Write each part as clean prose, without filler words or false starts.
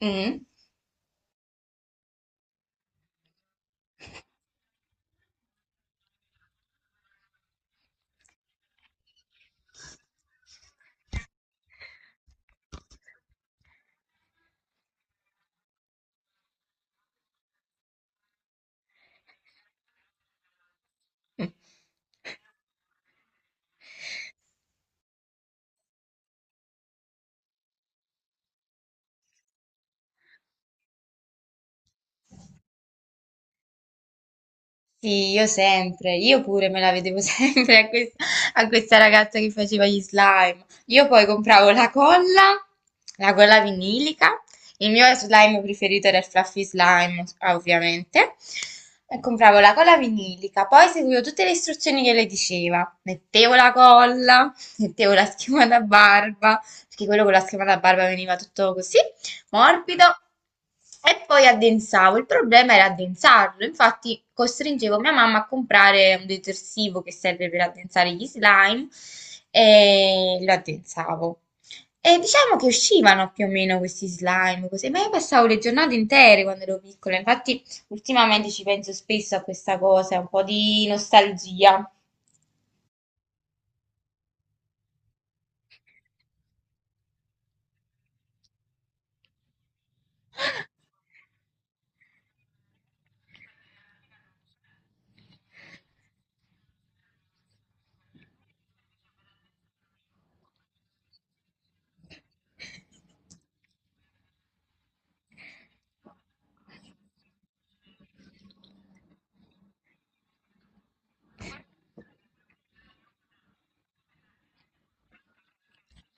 Mm. Sì, io sempre, io pure me la vedevo sempre a questa ragazza che faceva gli slime. Io poi compravo la colla vinilica. Il mio slime preferito era il Fluffy Slime, ah, ovviamente. E compravo la colla vinilica, poi seguivo tutte le istruzioni che lei diceva. Mettevo la colla, mettevo la schiuma da barba, perché quello con la schiuma da barba veniva tutto così morbido. E poi addensavo. Il problema era addensarlo, infatti costringevo mia mamma a comprare un detersivo che serve per addensare gli slime e lo addensavo. E diciamo che uscivano più o meno questi slime, così, ma io passavo le giornate intere quando ero piccola, infatti ultimamente ci penso spesso a questa cosa, un po' di nostalgia.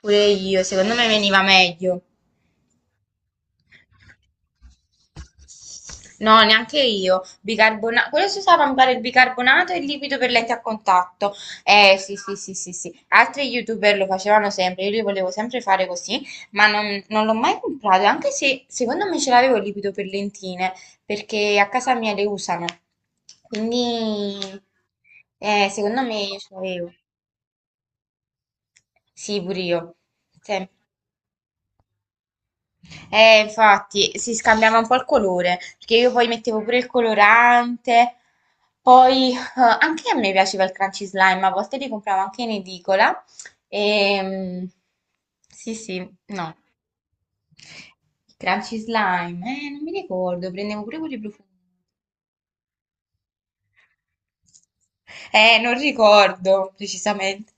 Pure io, secondo me veniva meglio. No, neanche io. Quello si usava, mi pare, il bicarbonato e il liquido per letti a contatto. Sì, sì, sì, sì, sì. Altri YouTuber lo facevano sempre, io li volevo sempre fare così, ma non l'ho mai comprato, anche se secondo me ce l'avevo il liquido per lentine, perché a casa mia le usano. Quindi, secondo me ce l'avevo. Sì, pure io. Sempre. Infatti si scambiava un po' il colore, perché io poi mettevo pure il colorante, poi anche a me piaceva il crunchy slime, a volte li compravo anche in edicola. E, sì, sì, no, il crunchy slime, non mi ricordo, prendevo pure quelli profumi. Non ricordo precisamente.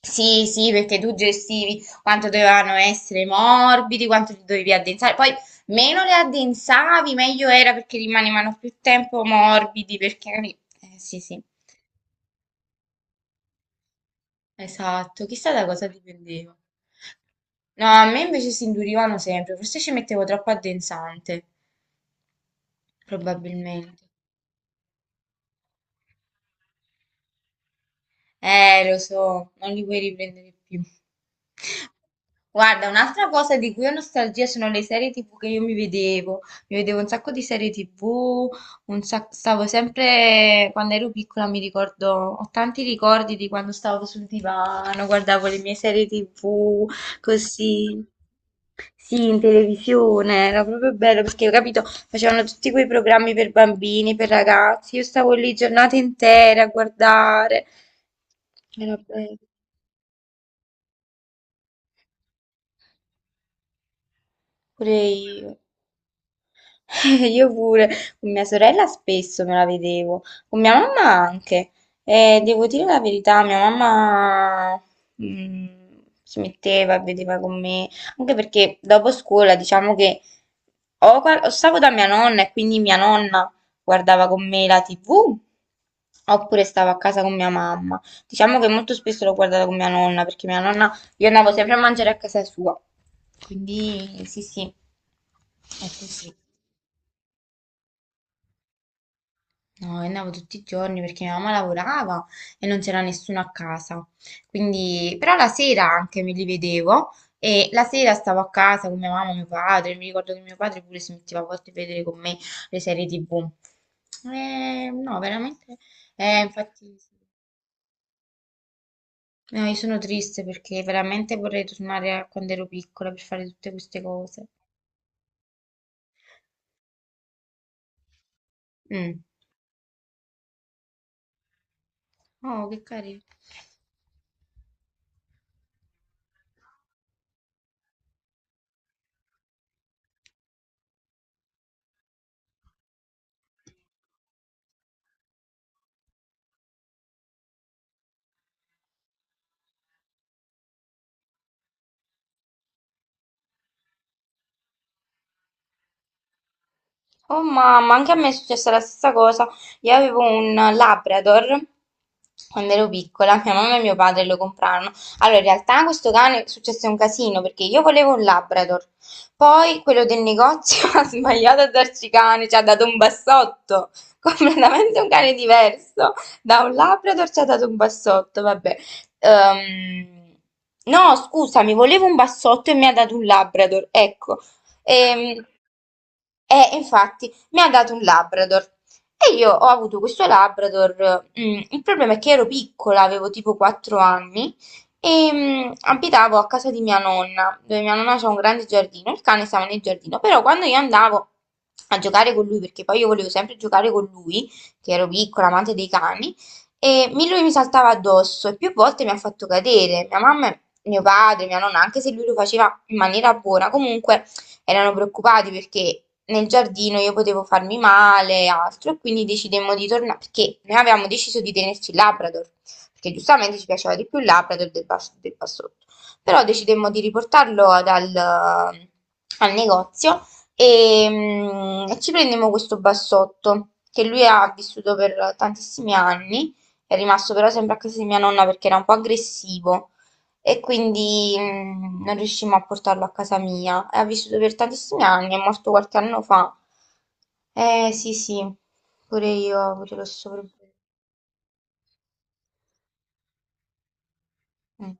Sì, sì, perché tu gestivi quanto dovevano essere morbidi, quanto li dovevi addensare. Poi meno le addensavi, meglio era perché rimanevano più tempo morbidi, sì, sì, esatto. Chissà da cosa dipendeva. No, a me invece si indurivano sempre, forse ci mettevo troppo addensante, probabilmente. Lo so, non li vuoi riprendere più. Guarda, un'altra cosa di cui ho nostalgia sono le serie TV che io mi vedevo. Mi vedevo un sacco di serie TV, stavo sempre, quando ero piccola mi ricordo, ho tanti ricordi di quando stavo sul divano, guardavo le mie serie TV, così. Sì, in televisione, era proprio bello perché ho capito, facevano tutti quei programmi per bambini, per ragazzi. Io stavo lì giornate intere a guardare. Era bello. Pure io. Io pure, con mia sorella spesso me la vedevo, con mia mamma anche. E devo dire la verità, mia mamma mm, si metteva e vedeva con me, anche perché dopo scuola diciamo che o stavo da mia nonna e quindi mia nonna guardava con me la TV, oppure stavo a casa con mia mamma. Diciamo che molto spesso l'ho guardata con mia nonna, perché mia nonna, io andavo sempre a mangiare a casa sua. Quindi sì, sì, è così. No, io andavo tutti i giorni perché mia mamma lavorava e non c'era nessuno a casa. Quindi, però la sera anche me li vedevo e la sera stavo a casa con mia mamma e mio padre. Mi ricordo che mio padre pure si metteva a volte a vedere con me le serie TV. No, veramente. Infatti, sì. No, io sono triste perché veramente vorrei tornare a quando ero piccola per fare tutte queste cose. Mm. Oh, che carino. Oh mamma, anche a me è successa la stessa cosa. Io avevo un Labrador quando ero piccola, mia mamma e mio padre lo comprarono. Allora, in realtà questo cane successe un casino perché io volevo un Labrador. Poi quello del negozio ha sbagliato a darci cane, ci ha dato un bassotto, completamente un cane diverso. Da un Labrador ci ha dato un bassotto, vabbè. Ehm, no, scusami, volevo un bassotto e mi ha dato un Labrador, ecco. E, e infatti mi ha dato un Labrador. E io ho avuto questo Labrador. Il problema è che ero piccola, avevo tipo 4 anni e abitavo a casa di mia nonna, dove mia nonna c'ha un grande giardino. Il cane stava nel giardino, però quando io andavo a giocare con lui, perché poi io volevo sempre giocare con lui, che ero piccola, amante dei cani, e lui mi saltava addosso e più volte mi ha fatto cadere. Mia mamma, mio padre, mia nonna, anche se lui lo faceva in maniera buona, comunque erano preoccupati perché nel giardino io potevo farmi male e altro, e quindi decidemmo di tornare, perché noi avevamo deciso di tenerci il Labrador, perché giustamente ci piaceva di più il Labrador del Bassotto, però decidemmo di riportarlo al negozio e, e ci prendemmo questo Bassotto, che lui ha vissuto per tantissimi anni, è rimasto però sempre a casa di mia nonna perché era un po' aggressivo e quindi non riuscimmo a portarlo a casa mia. Ha vissuto per tantissimi anni, è morto qualche anno fa. Eh sì, sì, pure io ho avuto lo stesso problema. Mm.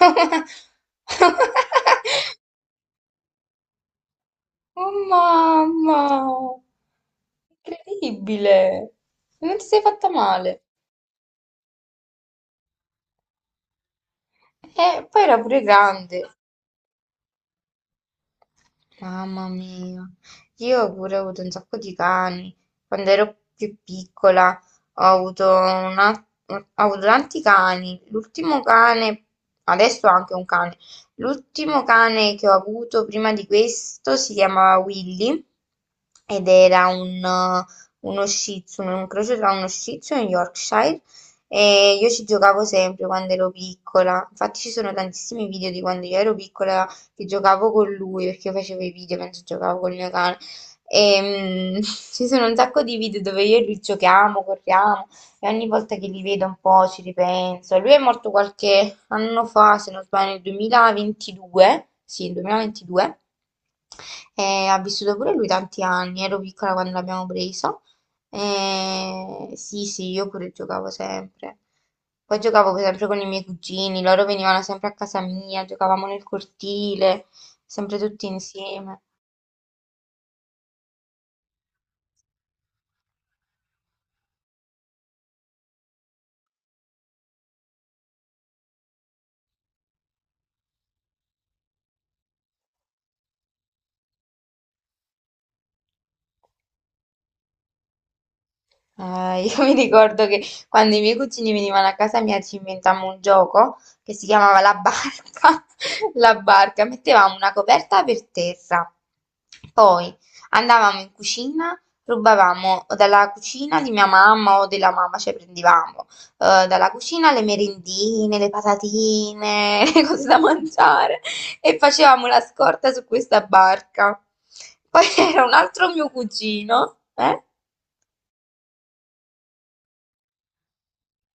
Oh, mamma, incredibile! Non ti sei fatta male. E poi era pure grande. Mamma mia, io pure ho avuto un sacco di cani. Quando ero più piccola ho avuto tanti cani. L'ultimo cane, adesso ho anche un cane. L'ultimo cane che ho avuto prima di questo si chiamava Willy ed era un, uno Shih Tzu, un incrocio tra uno Shih Tzu e un Yorkshire. E io ci giocavo sempre quando ero piccola. Infatti ci sono tantissimi video di quando io ero piccola che giocavo con lui perché io facevo i video mentre giocavo col mio cane. E, ci sono un sacco di video dove io e lui giochiamo, corriamo e ogni volta che li vedo un po' ci ripenso. Lui è morto qualche anno fa, se non sbaglio, nel 2022, sì, nel 2022, e ha vissuto pure lui tanti anni, ero piccola quando l'abbiamo preso. Sì, sì, io pure giocavo sempre. Poi giocavo sempre con i miei cugini, loro venivano sempre a casa mia, giocavamo nel cortile, sempre tutti insieme. Ah, io mi ricordo che quando i miei cugini venivano a casa mia ci inventammo un gioco che si chiamava la barca. La barca, mettevamo una coperta per terra, poi andavamo in cucina, rubavamo dalla cucina di mia mamma o della mamma, cioè prendevamo dalla cucina le merendine, le patatine, le cose da mangiare e facevamo la scorta su questa barca. Poi c'era un altro mio cugino, eh?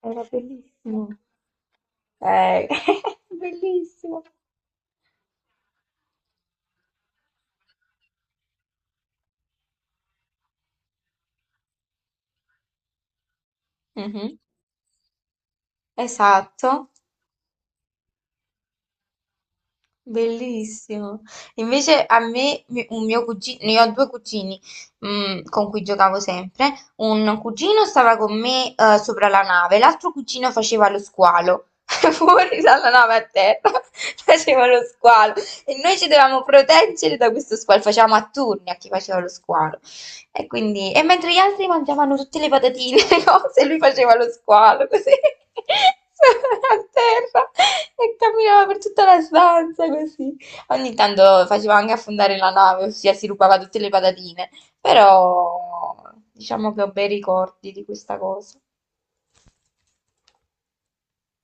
Era bellissimo. Eh, bellissimo. Mhm, esatto, bellissimo. Invece a me, un mio cugino, io ho due cugini con cui giocavo sempre. Un cugino stava con me sopra la nave, l'altro cugino faceva lo squalo. Fuori dalla nave a terra faceva lo squalo e noi ci dovevamo proteggere da questo squalo. Facevamo a turni a chi faceva lo squalo. E quindi, e mentre gli altri mangiavano tutte le patatine, le cose, lui faceva lo squalo così, a terra e camminava per tutta la stanza così. Ogni tanto faceva anche affondare la nave, ossia si rubava tutte le patatine, però diciamo che ho bei ricordi di questa cosa.